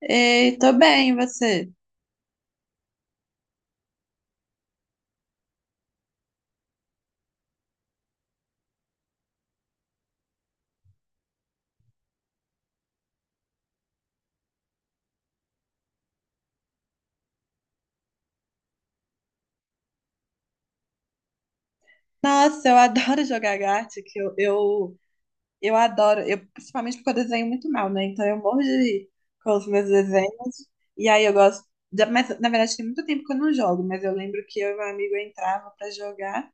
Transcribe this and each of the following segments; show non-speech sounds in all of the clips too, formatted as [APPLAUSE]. Ei, tô bem, e você? Nossa, eu [LAUGHS] adoro jogar Gartic, eu adoro, eu, principalmente porque eu desenho muito mal, né? Então eu morro de rir com os meus desenhos, e aí eu gosto, mas na verdade tem muito tempo que eu não jogo, mas eu lembro que eu e meu amigo entrava pra jogar,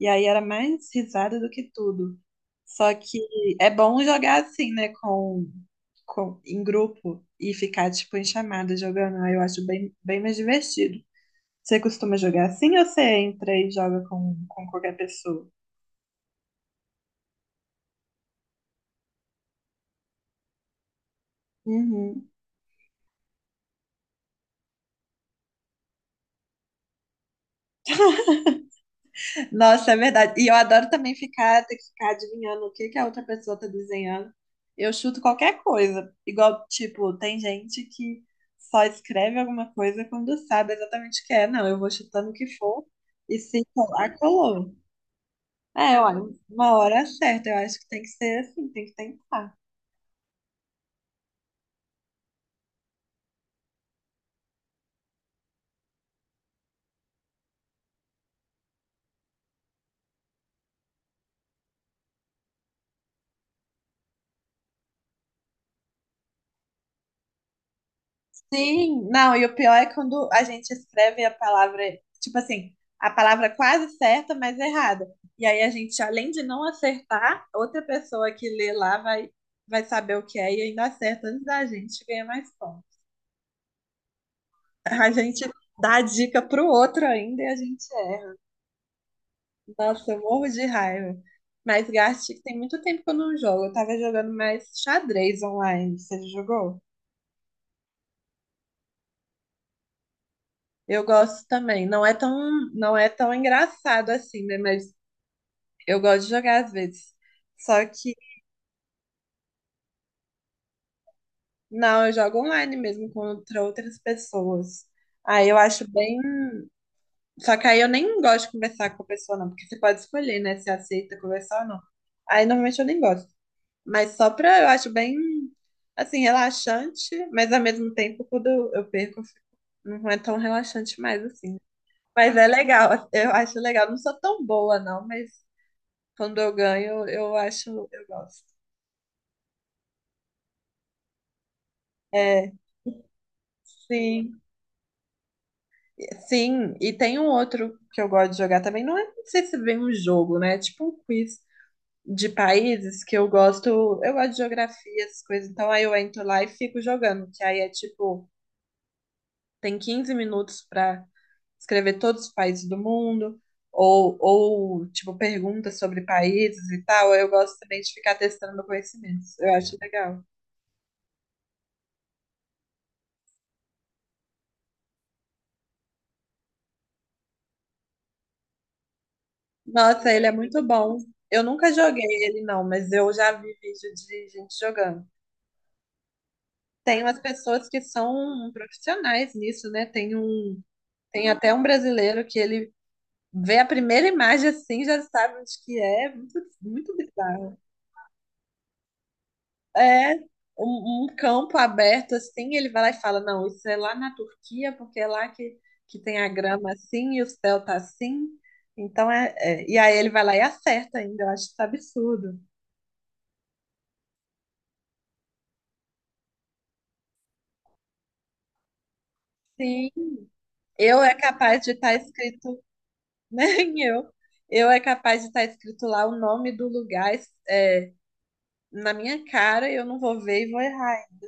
e aí era mais risada do que tudo. Só que é bom jogar assim, né, com, em grupo, e ficar, tipo, em chamada jogando, aí eu acho bem, bem mais divertido. Você costuma jogar assim ou você entra e joga com qualquer pessoa? Uhum. Nossa, é verdade. E eu adoro também ficar, ter que ficar adivinhando o que que a outra pessoa tá desenhando. Eu chuto qualquer coisa. Igual, tipo, tem gente que só escreve alguma coisa quando sabe exatamente o que é. Não, eu vou chutando o que for e se colar, colou. É, olha, uma hora é certa. Eu acho que tem que ser assim, tem que tentar. Sim, não, e o pior é quando a gente escreve a palavra, tipo assim, a palavra quase certa, mas errada. E aí a gente, além de não acertar, outra pessoa que lê lá vai, vai saber o que é e ainda acerta antes da gente ganha mais ponto. A gente dá a dica pro outro ainda e a gente erra. Nossa, eu morro de raiva. Mas Gartic tem muito tempo que eu não jogo. Eu tava jogando mais xadrez online. Você já jogou? Eu gosto também. Não é tão engraçado assim, né? Mas eu gosto de jogar às vezes. Só que, não, eu jogo online mesmo contra outras pessoas. Aí eu acho bem. Só que aí eu nem gosto de conversar com a pessoa, não, porque você pode escolher, né, se aceita conversar ou não. Aí normalmente eu nem gosto. Mas só pra, eu acho bem, assim, relaxante, mas ao mesmo tempo, quando eu perco, não é tão relaxante mais, assim. Mas é legal, eu acho legal. Não sou tão boa, não, mas quando eu ganho, eu acho, eu gosto. É, sim. Sim, e tem um outro que eu gosto de jogar também. Não, é, não sei se vem um jogo, né? É tipo um quiz de países que eu gosto. Eu gosto de geografia, essas coisas. Então aí eu entro lá e fico jogando. Que aí é tipo, tem 15 minutos pra escrever todos os países do mundo. Ou tipo, perguntas sobre países e tal. Eu gosto também de ficar testando conhecimentos. Eu acho legal. Nossa, ele é muito bom. Eu nunca joguei ele, não, mas eu já vi vídeo de gente jogando. Tem umas pessoas que são profissionais nisso, né? Tem até um brasileiro que ele vê a primeira imagem assim, já sabe onde que é, muito, muito bizarro. É um campo aberto assim, ele vai lá e fala, não, isso é lá na Turquia, porque é lá que tem a grama assim e o céu tá assim. Então e aí ele vai lá e acerta ainda, eu acho isso absurdo. Sim, eu é capaz de estar escrito [LAUGHS] Nem eu. Eu é capaz de estar escrito lá o nome do lugar é, na minha cara e eu não vou ver e vou errar. Hein?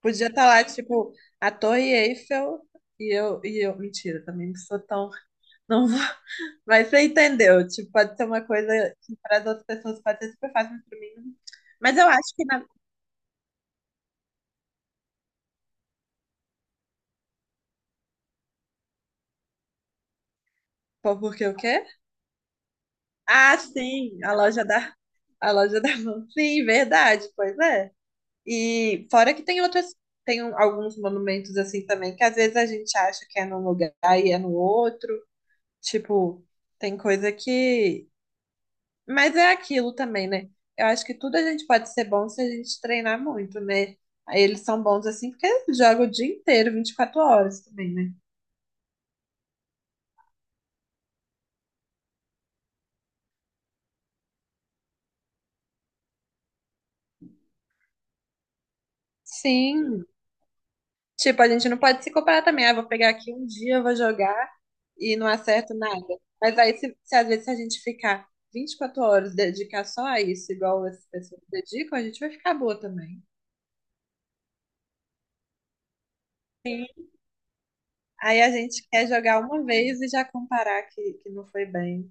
Podia estar lá, tipo, a Torre Eiffel e eu. Mentira, também não sou tão. Não vou. [LAUGHS] Mas você entendeu? Tipo, pode ser uma coisa que para as outras pessoas pode ser super fácil, mas para mim. Mas eu acho que na. Pô, porque o quê? Ah, sim, a loja da. A loja da mão. Sim, verdade, pois é. E fora que tem outras, alguns monumentos assim também, que às vezes a gente acha que é num lugar e é no outro. Tipo, tem coisa que. Mas é aquilo também, né? Eu acho que tudo a gente pode ser bom se a gente treinar muito, né? Aí eles são bons assim porque jogam o dia inteiro, 24 horas também, né? Sim, tipo, a gente não pode se comparar também. Ah, vou pegar aqui um dia, vou jogar e não acerto nada. Mas aí, se às vezes se a gente ficar 24 horas, dedicar só a isso, igual essas pessoas dedicam, a gente vai ficar boa também. Aí a gente quer jogar uma vez e já comparar que não foi bem.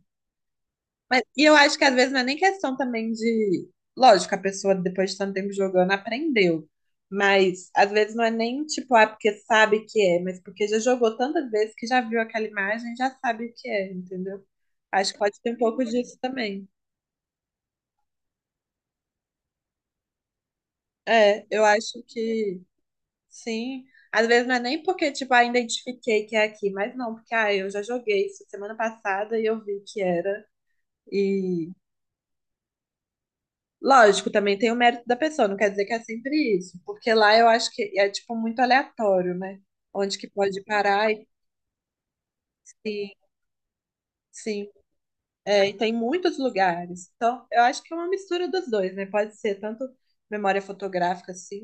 Mas, e eu acho que às vezes não é nem questão também de. Lógico, a pessoa depois de tanto tempo jogando aprendeu. Mas às vezes não é nem tipo, ah, porque sabe que é, mas porque já jogou tantas vezes que já viu aquela imagem, já sabe o que é, entendeu? Acho que pode ter um pouco disso também. É, eu acho que sim. Às vezes não é nem porque, tipo, ah, identifiquei que é aqui, mas não, porque ah, eu já joguei isso semana passada e eu vi que era. Lógico, também tem o mérito da pessoa, não quer dizer que é sempre isso, porque lá eu acho que é tipo muito aleatório, né? Onde que pode parar e sim, sim, é, e tem muitos lugares. Então, eu acho que é uma mistura dos dois, né? Pode ser tanto memória fotográfica assim,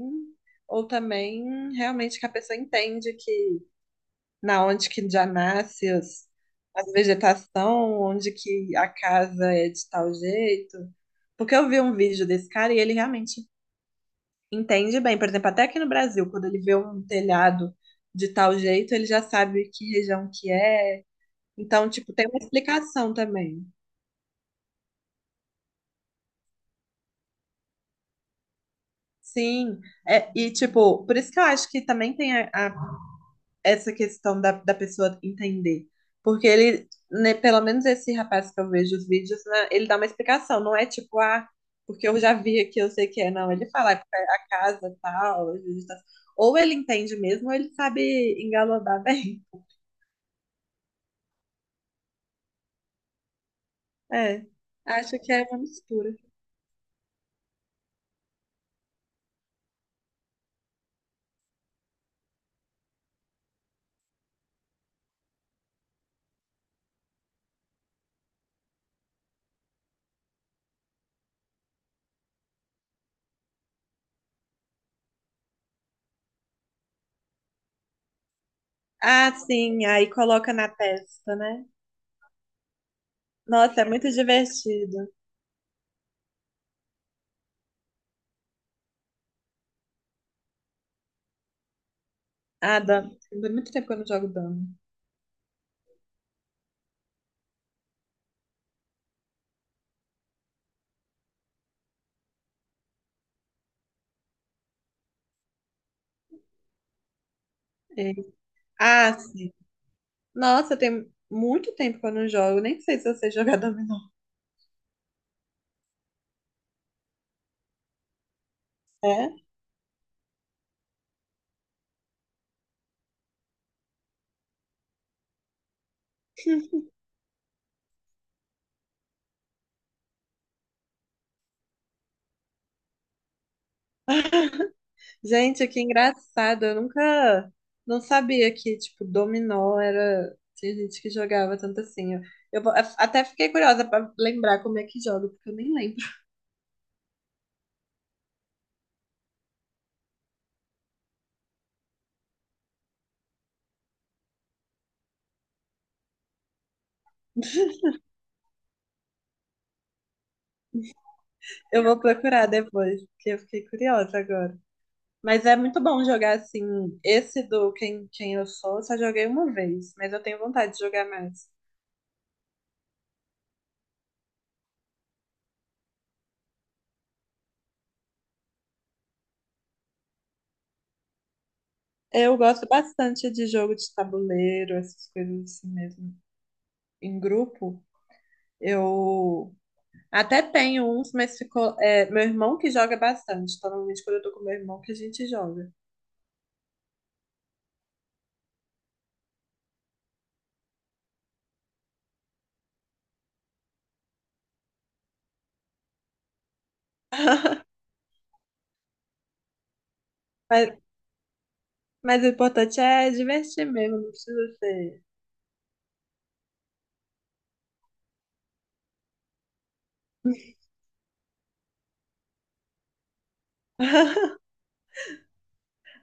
ou também realmente que a pessoa entende que na onde que já nasce as, as vegetação, onde que a casa é de tal jeito. Porque eu vi um vídeo desse cara e ele realmente entende bem, por exemplo, até aqui no Brasil, quando ele vê um telhado de tal jeito, ele já sabe que região que é. Então, tipo, tem uma explicação também. Sim, é, e tipo, por isso que eu acho que também tem essa questão da pessoa entender. Porque ele, né, pelo menos esse rapaz que eu vejo os vídeos, né, ele dá uma explicação, não é tipo, ah, porque eu já vi aqui, eu sei que é. Não, ele fala, é porque é a casa tal, a vegetação. Ou ele entende mesmo, ou ele sabe engabelodar [LAUGHS] bem. É, acho que é uma mistura. Ah, sim, aí coloca na testa, né? Nossa, é muito divertido. Ah, dama. Tem muito tempo que eu não jogo dama. É. Ah, sim. Nossa, tem muito tempo que eu não jogo. Nem sei se eu sei jogar dominó. É? Gente, que engraçado. Eu nunca... Não sabia que, tipo, dominó era... Tinha gente que jogava tanto assim. Eu vou- até fiquei curiosa pra lembrar como é que joga, porque eu nem lembro. [LAUGHS] Eu vou procurar depois, porque eu fiquei curiosa agora. Mas é muito bom jogar assim. Esse do Quem Eu Sou, eu só joguei uma vez, mas eu tenho vontade de jogar mais. Eu gosto bastante de jogo de tabuleiro, essas coisas assim mesmo. Em grupo, eu até tenho uns, mas ficou. É, meu irmão que joga bastante. Então, normalmente, quando eu tô com meu irmão, que a gente joga. [LAUGHS] Mas, mas o importante é divertir mesmo, não precisa ser.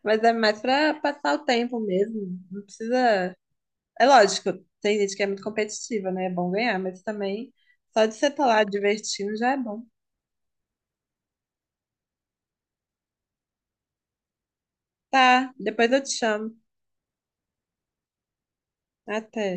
Mas é mais pra passar o tempo mesmo. Não precisa. É lógico, tem gente que é muito competitiva, né? É bom ganhar, mas também só de você estar lá divertindo já é bom. Tá, depois eu te chamo. Até.